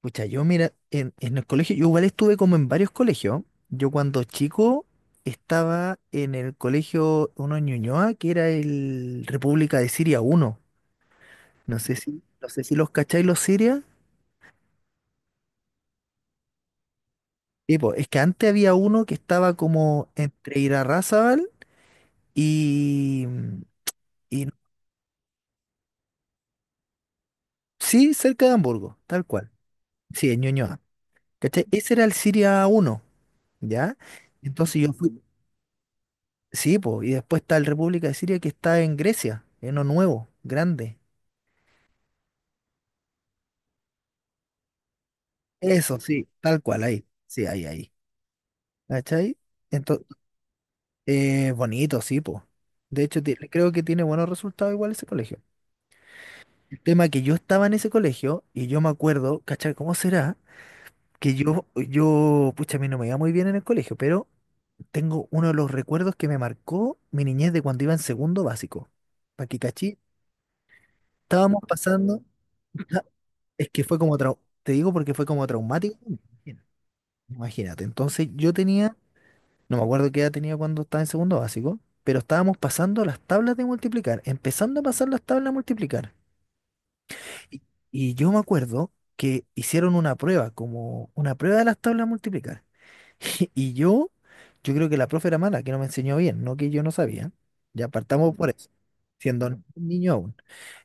Pucha, yo mira, en el colegio, yo igual estuve como en varios colegios. Yo cuando chico estaba en el colegio uno en Ñuñoa, que era el República de Siria uno. No sé si los cacháis los Siria. Y pues, es que antes había uno que estaba como entre Irarrázaval y, y sí, cerca de Hamburgo, tal cual. Sí, en Ñuñoa. ¿Cachai? Ese era el Siria uno, ¿ya? Entonces yo fui. Sí, po, y después está el República de Siria que está en Grecia, en lo nuevo, grande. Eso, sí, tal cual, ahí. Sí, ahí, ahí. ¿Cachai? Entonces, bonito, sí, po. De hecho, creo que tiene buenos resultados igual ese colegio. El tema que yo estaba en ese colegio y yo me acuerdo, ¿cachai? ¿Cómo será? Que yo, pucha, a mí no me iba muy bien en el colegio, pero tengo uno de los recuerdos que me marcó mi niñez de cuando iba en segundo básico. Para que cachí, estábamos pasando. Es que fue como te digo porque fue como traumático. Imagínate. Entonces yo tenía, no me acuerdo qué edad tenía cuando estaba en segundo básico, pero estábamos pasando las tablas de multiplicar, empezando a pasar las tablas de multiplicar. Y, y yo me acuerdo que hicieron una prueba, como una prueba de las tablas de multiplicar. Y yo creo que la profe era mala, que no me enseñó bien, no que yo no sabía. Ya partamos por eso, siendo un niño aún.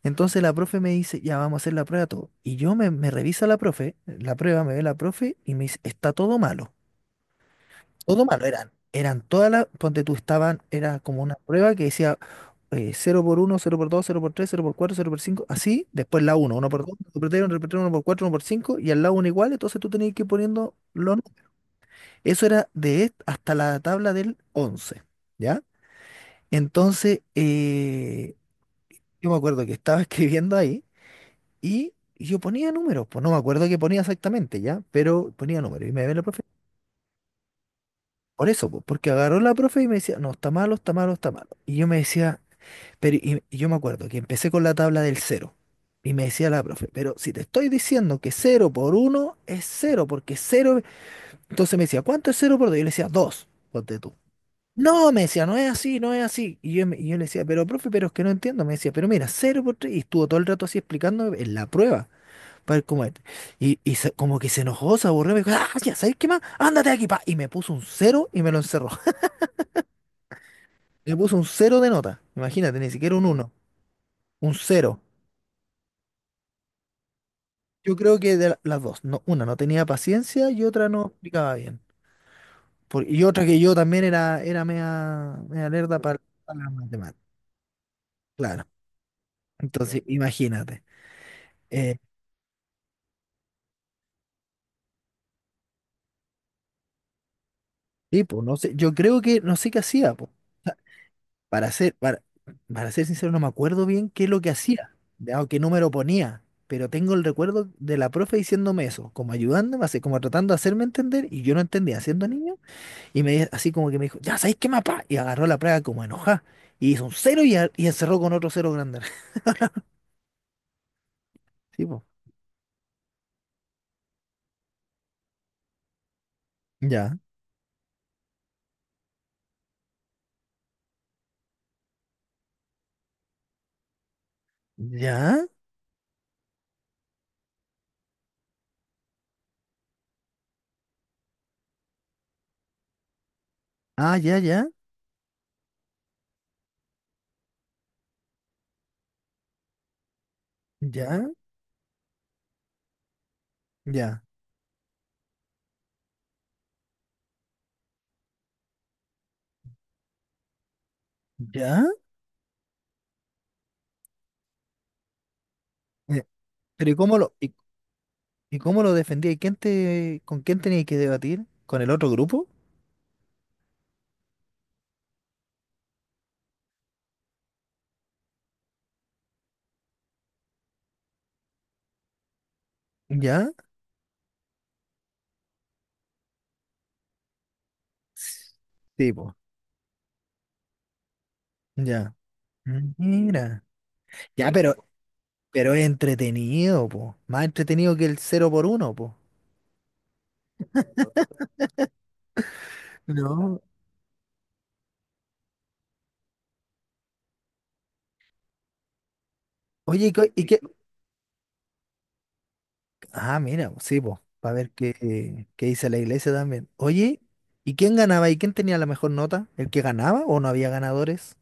Entonces la profe me dice, ya vamos a hacer la prueba todo. Y yo me revisa la profe, la prueba, me ve la profe y me dice, está todo malo. Todo malo eran. Eran todas las, ponte tú, estaban, era como una prueba que decía 0 por uno cero por dos cero por tres cero por cuatro cero por 5 así, después la uno uno por dos 1 por 3, 1 por cuatro uno por 4, 1 por 5, y al lado uno igual, entonces tú tenías que ir poniendo los eso era de est- hasta la tabla del 11, ¿ya? Entonces, yo me acuerdo que estaba escribiendo ahí y yo ponía números, pues no me acuerdo qué ponía exactamente, ¿ya? Pero ponía números y me ve la profe. Por eso, pues, porque agarró la profe y me decía, no, está malo, está malo, está malo. Y yo me decía, pero y yo me acuerdo que empecé con la tabla del cero. Y me decía la profe, pero si te estoy diciendo que cero por uno es cero, porque cero. Entonces me decía, ¿cuánto es cero por dos? Yo le decía, dos, ponte tú. No, me decía, no es así, no es así. Y yo le decía, pero profe, pero es que no entiendo. Me decía, pero mira, cero por tres. Y estuvo todo el rato así explicando en la prueba. Para ver cómo es. Y como que se enojó, se aburrió. Me dijo, ah, ya, ¿sabes qué más? Ándate de aquí, pa. Y me puso un cero y me lo encerró. Le puso un cero de nota. Imagínate, ni siquiera un uno. Un cero. Yo creo que las dos. No, una no tenía paciencia y otra no explicaba bien. Y otra que yo también era media, media lerda para las matemáticas. Claro. Entonces, imagínate. Eh, Sí, pues, no sé, yo creo que no sé qué hacía, pues. Para ser, para, para ser sincero, no me acuerdo bien qué es lo que hacía, ya, o qué número ponía, pero tengo el recuerdo de la profe diciéndome eso, como ayudándome, así como tratando de hacerme entender, y yo no entendía siendo niño, y así como que me dijo, ya sabéis qué mapa, y agarró la plaga como enojada, y hizo un cero y encerró con otro cero grande. Sí, po. Ya, ya, ah, ya, ya, ya, ya, ya. Eh, Pero ¿y cómo lo, y ¿Y cómo lo defendía? ¿Con quién tenías que debatir? ¿Con el otro grupo? ¿Ya? Sí, po. Ya. Mira. Ya, pero es entretenido, po. Más entretenido que el cero por uno, po. No. Oye, ¿y qué? Ah, mira, sí, po. Para ver qué dice la iglesia también. Oye, ¿y quién ganaba? ¿Y quién tenía la mejor nota? ¿El que ganaba o no había ganadores?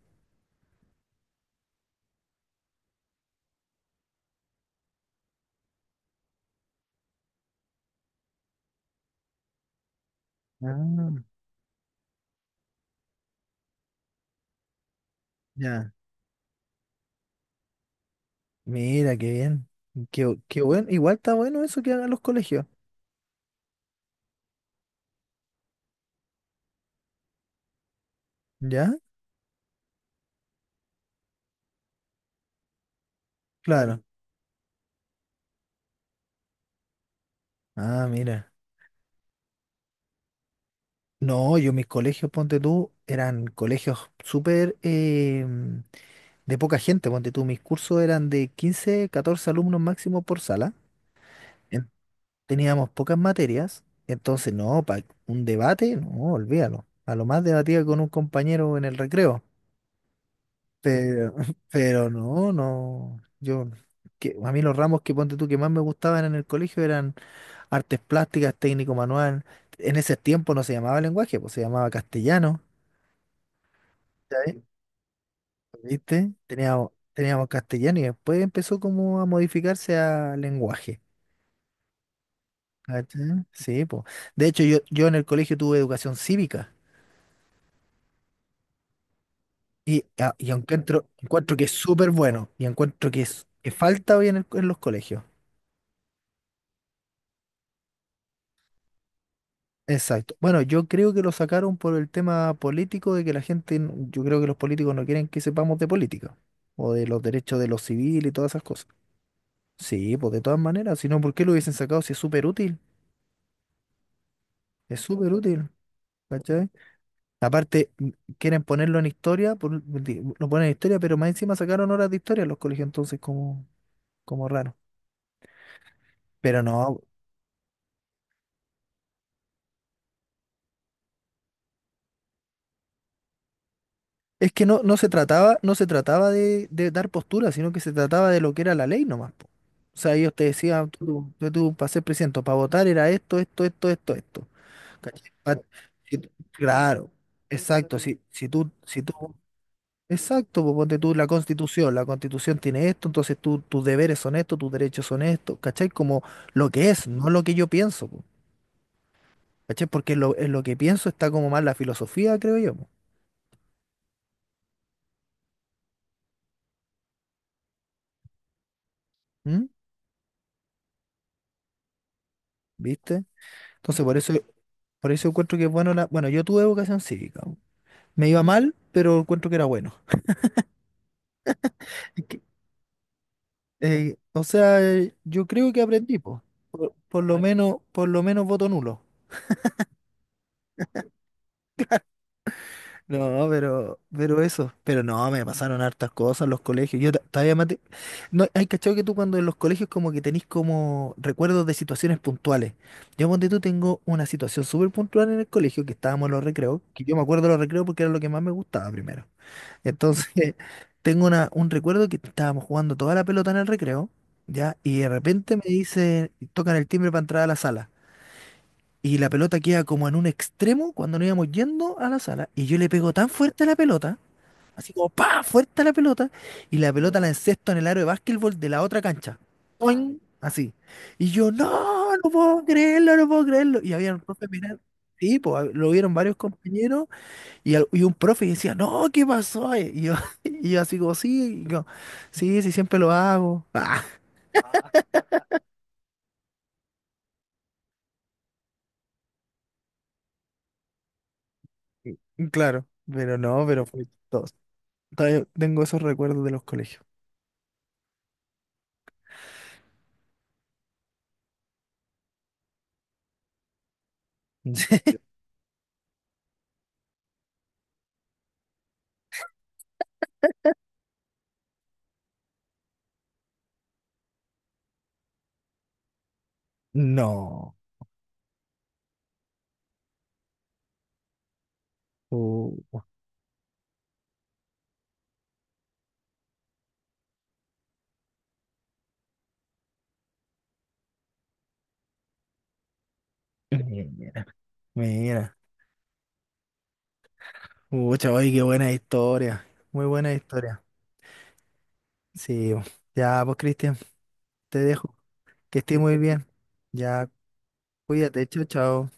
Ah, ya. Mira, qué bien. Qué bueno. Igual está bueno eso que hagan los colegios. ¿Ya? Claro. Ah, mira. No, yo mis colegios, ponte tú, eran colegios súper de poca gente, ponte tú. Mis cursos eran de 15, 14 alumnos máximo por sala. en- Teníamos pocas materias, entonces no, para un debate, no, olvídalo. A lo más debatía con un compañero en el recreo. Pero, pero no, no. A mí los ramos que ponte tú que más me gustaban en el colegio eran artes plásticas, técnico manual. En ese tiempo no se llamaba lenguaje, pues se llamaba castellano, ¿cachai? ¿Viste? Teníamos castellano y después empezó como a modificarse a lenguaje. ¿Cachai? Sí, pues. De hecho, yo en el colegio tuve educación cívica y encuentro que es súper bueno y encuentro que, es, que falta hoy en los colegios. Exacto. Bueno, yo creo que lo sacaron por el tema político de que la gente, yo creo que los políticos no quieren que sepamos de política o de los derechos de los civiles y todas esas cosas. Sí, pues de todas maneras, si no, ¿por qué lo hubiesen sacado si es súper útil? Es súper útil, ¿cachai? Aparte, quieren ponerlo en historia, lo ponen en historia, pero más encima sacaron horas de historia en los colegios, entonces como raro. Pero no, es que no, no se trataba de dar postura, sino que se trataba de lo que era la ley nomás, po. O sea, ellos te decían, tú, para ser presidente, para votar era esto, esto, esto, esto, esto. ¿Cachai? Claro, exacto. Si tú, exacto, pues ponte tú la constitución tiene esto, entonces tú, tus deberes son estos, tus derechos son estos, ¿cachai? Como lo que es, no lo que yo pienso, po, ¿cachai? Porque en lo que pienso está como más la filosofía, creo yo, po. ¿Mm? ¿Viste? Entonces, por eso. Por eso encuentro que es bueno la. Bueno, yo tuve educación cívica. Me iba mal, pero encuentro que era bueno. Es que, o sea, yo creo que aprendí, po. Por lo menos voto nulo. No, pero eso. Pero no, me pasaron hartas cosas en los colegios. Yo todavía mate. No, hay cachado que tú cuando en los colegios como que tenés como recuerdos de situaciones puntuales. Yo ponte tú tengo una situación súper puntual en el colegio, que estábamos en los recreos, que yo me acuerdo de los recreos porque era lo que más me gustaba primero. Entonces, tengo un recuerdo que estábamos jugando toda la pelota en el recreo, ¿ya? Y de repente me dice, tocan el timbre para entrar a la sala. Y la pelota queda como en un extremo cuando nos íbamos yendo a la sala. Y yo le pego tan fuerte a la pelota, así como ¡pa! Fuerte a la pelota. Y la pelota la encesto en el aro de básquetbol de la otra cancha. Así. Y yo, no, no puedo creerlo, no puedo creerlo. Y había un profe mirar. Sí, pues lo vieron varios compañeros y un profe decía, no, ¿qué pasó? Y yo, y yo así como, sí, y yo, sí, sí, siempre lo hago. Ah, claro, pero no, pero fue todo. Todavía tengo esos recuerdos de los colegios. No. Uh, Mira, mira. Pucha, oye, qué buena historia. Muy buena historia. Sí, ya, pues, Cristian, te dejo. Que estés muy bien. Ya, cuídate, chao, chao.